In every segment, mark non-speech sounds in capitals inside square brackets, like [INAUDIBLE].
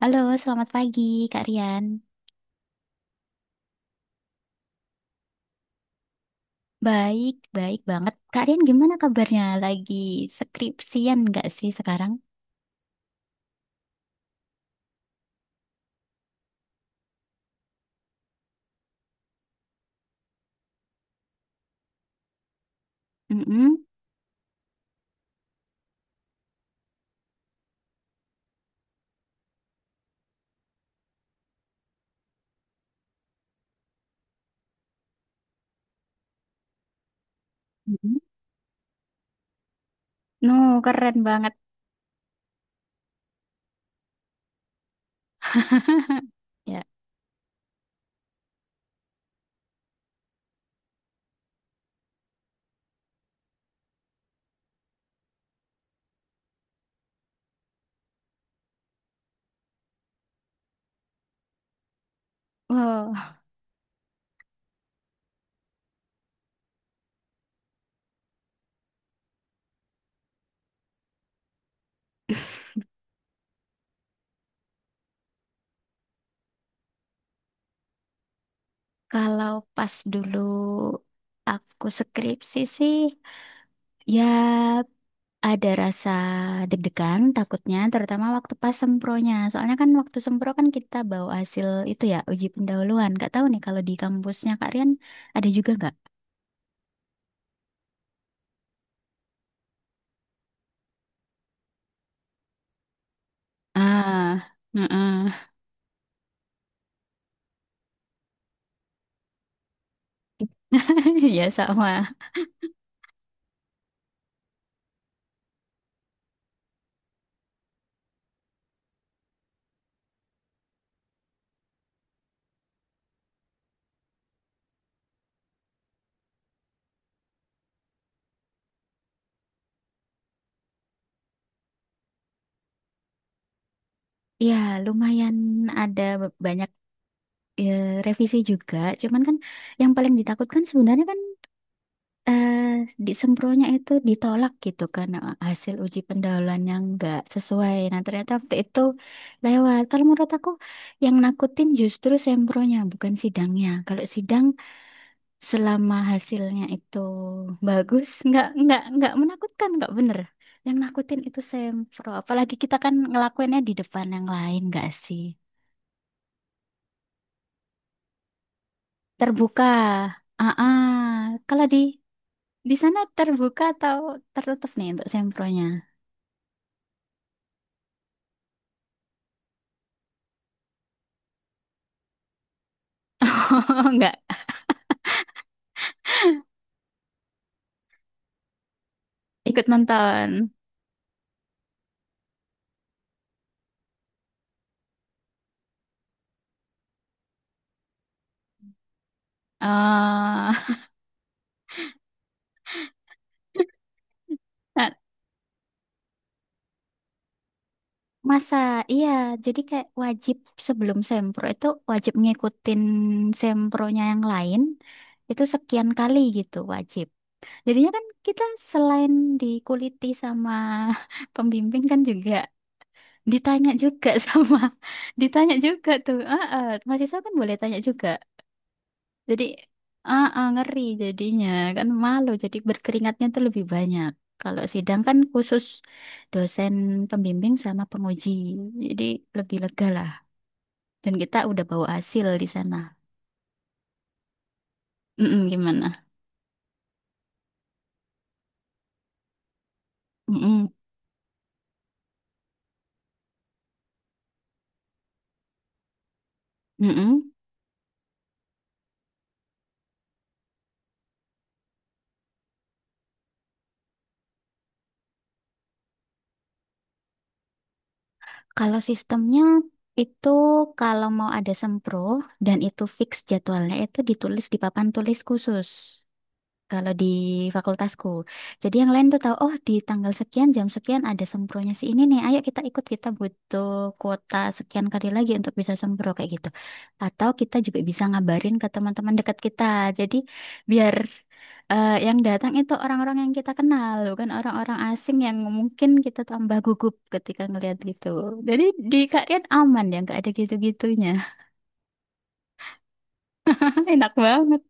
Halo, selamat pagi Kak Rian. Baik, baik banget. Kak Rian gimana kabarnya? Lagi skripsian nggak sih sekarang? Mm-mm. Mm-mm. No, keren banget. [LAUGHS] Ya. Wow. Kalau pas dulu aku skripsi sih, ya ada rasa deg-degan takutnya, terutama waktu pas sempronya. Soalnya kan waktu sempro kan kita bawa hasil itu ya, uji pendahuluan. Nggak tahu nih kalau di kampusnya Kak Rian ada juga nggak? Ah, heeh. [LAUGHS] Ya sama. Ya, lumayan ada banyak eh, revisi juga. Cuman kan yang paling ditakutkan sebenarnya kan eh, disempronnya itu ditolak gitu karena hasil uji pendahuluan yang nggak sesuai. Nah, ternyata waktu itu lewat. Kalau menurut aku yang nakutin justru sempronya bukan sidangnya. Kalau sidang, selama hasilnya itu bagus, nggak menakutkan, nggak bener. Yang nakutin itu sempro. Apalagi kita kan ngelakuinnya di depan yang lain, nggak sih? Terbuka. Ah, ah. Kalau di sana terbuka atau tertutup nih untuk sempronya? [LAUGHS] Oh, nggak ikut nonton. Oh. Nah, masa iya, jadi kayak wajib sebelum sempro itu wajib ngikutin sempronya yang lain itu sekian kali gitu wajib. Jadinya kan kita selain dikuliti sama [LAUGHS] pembimbing kan juga ditanya juga [LAUGHS] sama ditanya juga tuh. Heeh, mahasiswa kan boleh tanya juga. Jadi ah ah, ngeri jadinya kan malu jadi berkeringatnya tuh lebih banyak. Kalau sidang kan khusus dosen pembimbing sama penguji. Jadi lebih lega lah dan kita udah bawa hasil di sana. Mm-mm, gimana? Mm-mm, mm-mm. Kalau sistemnya itu kalau mau ada sempro dan itu fix jadwalnya itu ditulis di papan tulis khusus. Kalau di fakultasku. Jadi yang lain tuh tahu, oh di tanggal sekian jam sekian ada sempronya si ini nih. Ayo kita ikut, kita butuh kuota sekian kali lagi untuk bisa sempro kayak gitu. Atau kita juga bisa ngabarin ke teman-teman dekat kita. Jadi biar yang datang itu orang-orang yang kita kenal, bukan orang-orang asing yang mungkin kita tambah gugup ketika ngelihat gitu. Jadi di kalian aman ya, nggak ada gitu-gitunya. [LAUGHS] Enak banget.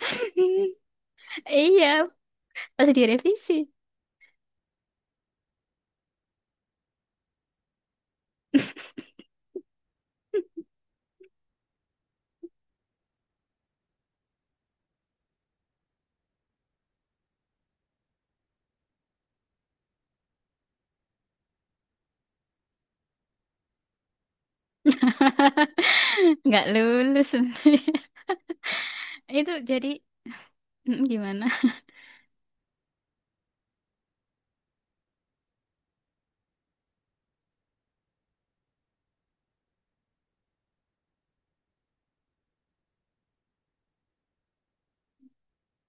[LAUGHS] Iya, pas direvisi. [LAUGHS] Nggak lulus. [LAUGHS] Itu jadi gimana?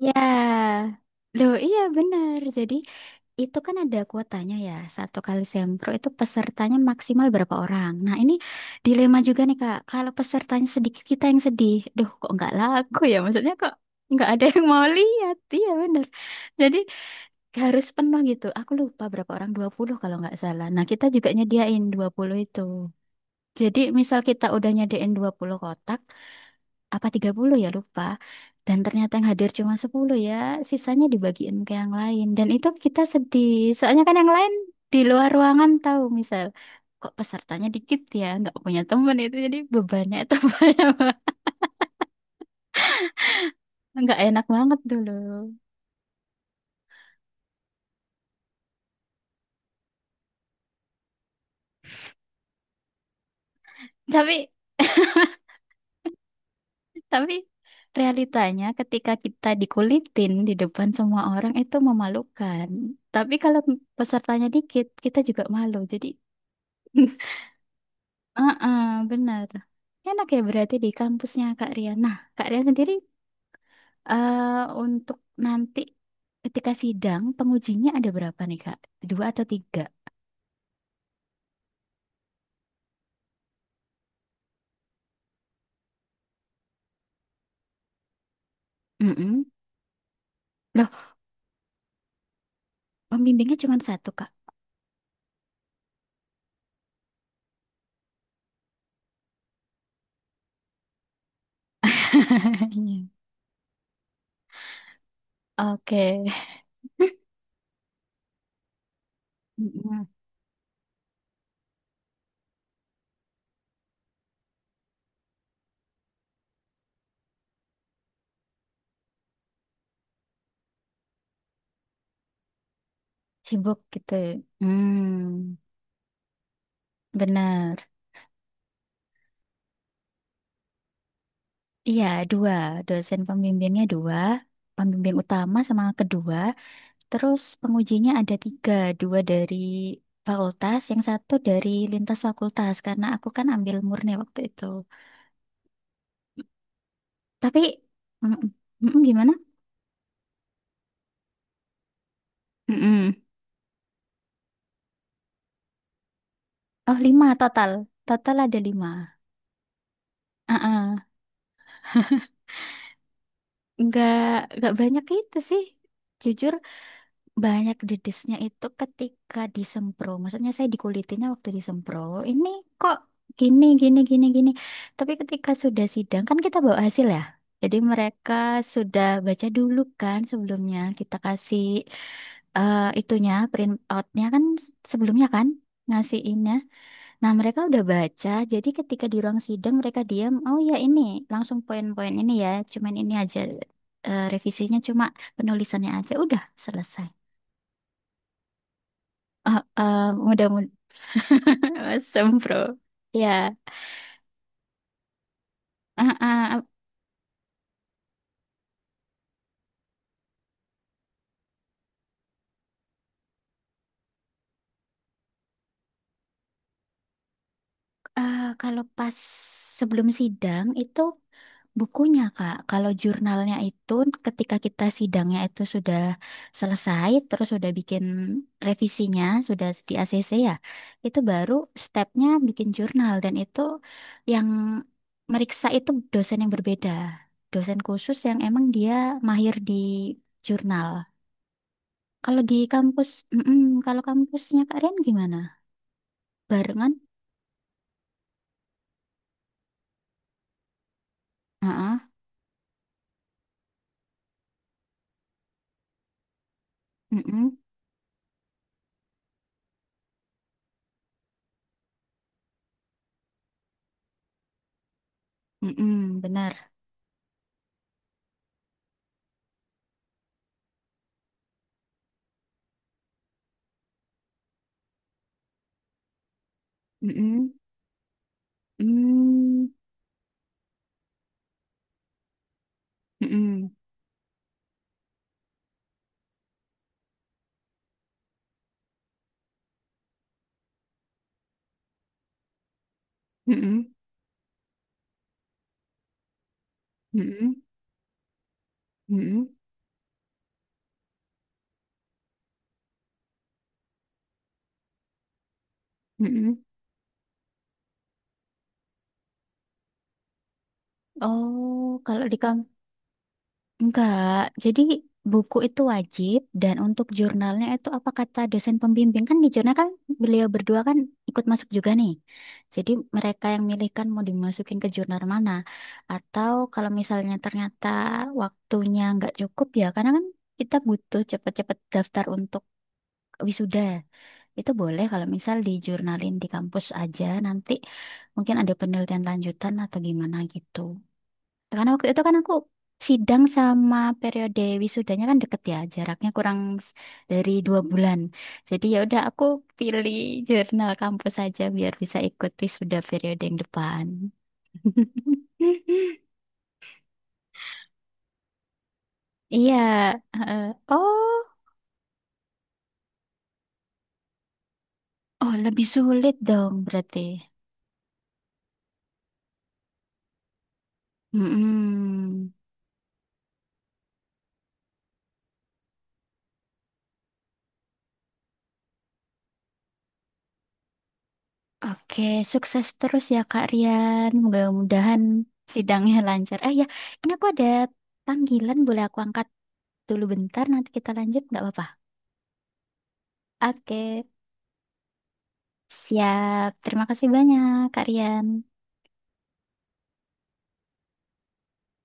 Ya, loh, iya benar. Jadi itu kan ada kuotanya ya. Satu kali sempro itu pesertanya maksimal berapa orang. Nah, ini dilema juga nih, Kak. Kalau pesertanya sedikit, kita yang sedih. Duh, kok nggak laku ya? Maksudnya kok nggak ada yang mau lihat. Iya benar. Jadi harus penuh gitu. Aku lupa berapa orang, 20 kalau nggak salah. Nah, kita juga nyediain 20 itu. Jadi misal kita udah nyediain 20 kotak, apa 30 ya lupa. Dan ternyata yang hadir cuma 10 ya, sisanya dibagiin ke yang lain. Dan itu kita sedih, soalnya kan yang lain di luar ruangan tahu misal. Kok pesertanya dikit ya, nggak punya temen itu jadi bebannya itu [LAUGHS] banyak banget. Nggak enak banget dulu. Tapi tapi realitanya ketika kita dikulitin di depan semua orang itu memalukan. Tapi kalau pesertanya dikit, kita juga malu. Jadi [LAUGHS] heeh, benar. Enak ya berarti di kampusnya Kak Rian. Nah, Kak Rian sendiri eh untuk nanti ketika sidang pengujinya ada berapa nih Kak? Dua atau tiga? Mm-mm. Loh, pembimbingnya cuma satu Kak. [LAUGHS] Iya. Oke. Mm-mm. Sibuk gitu ya. Hmm, benar. Iya, dua. Dosen pembimbingnya dua. Pembimbing utama sama kedua. Terus pengujinya ada tiga. Dua dari fakultas, yang satu dari lintas fakultas. Karena aku kan ambil murni waktu itu. Tapi, mm, gimana? Mm-mm. Oh, lima total. Total ada lima. Ah, ah. Nggak, nggak banyak itu sih. Jujur banyak dedesnya itu ketika disempro. Maksudnya saya dikulitinnya waktu disempro. Ini kok gini, gini, gini, gini. Tapi ketika sudah sidang, kan kita bawa hasil ya. Jadi mereka sudah baca dulu kan sebelumnya. Kita kasih itunya, print outnya kan sebelumnya kan ngasih innya. Nah, mereka udah baca, jadi ketika di ruang sidang mereka diam, oh ya ini, langsung poin-poin ini ya, cuman ini aja, revisinya cuma penulisannya aja, udah selesai. Ah, ah, mudah-mudahan [LAUGHS] sempro. Ya, ah, ah, ah, [LAUGHS] kalau pas sebelum sidang itu bukunya Kak. Kalau jurnalnya itu ketika kita sidangnya itu sudah selesai, terus sudah bikin revisinya, sudah di ACC ya, itu baru stepnya bikin jurnal dan itu yang meriksa itu dosen yang berbeda, dosen khusus yang emang dia mahir di jurnal. Kalau di kampus, mm-mm. Kalau kampusnya Kak Rian gimana? Barengan? Heeh, mm-mm, mm-mm, benar. Mm-mm, mm, mm-mm, mm-mm, mm-mm, mm-mm, mm-mm. Oh, kalau di kampus. Enggak, jadi buku itu wajib dan untuk jurnalnya itu apa kata dosen pembimbing kan di jurnal kan beliau berdua kan ikut masuk juga nih. Jadi mereka yang milih kan mau dimasukin ke jurnal mana. Atau kalau misalnya ternyata waktunya nggak cukup ya karena kan kita butuh cepet-cepet daftar untuk wisuda. Itu boleh kalau misal dijurnalin di kampus aja nanti mungkin ada penelitian lanjutan atau gimana gitu. Karena waktu itu kan aku sidang sama periode wisudanya kan deket ya, jaraknya kurang s- dari 2 bulan. Jadi ya udah aku pilih jurnal kampus aja biar bisa ikut wisuda periode yang depan. [LAUGHS] Iya, heeh. Oh, oh lebih sulit dong berarti. Mm-mm. Oke, sukses terus ya Kak Rian. Mudah-mudahan sidangnya lancar. Ah ya, ini aku ada panggilan, boleh aku angkat? Dulu bentar, nanti kita lanjut, nggak apa-apa. Oke, siap. Terima kasih banyak, Kak Rian.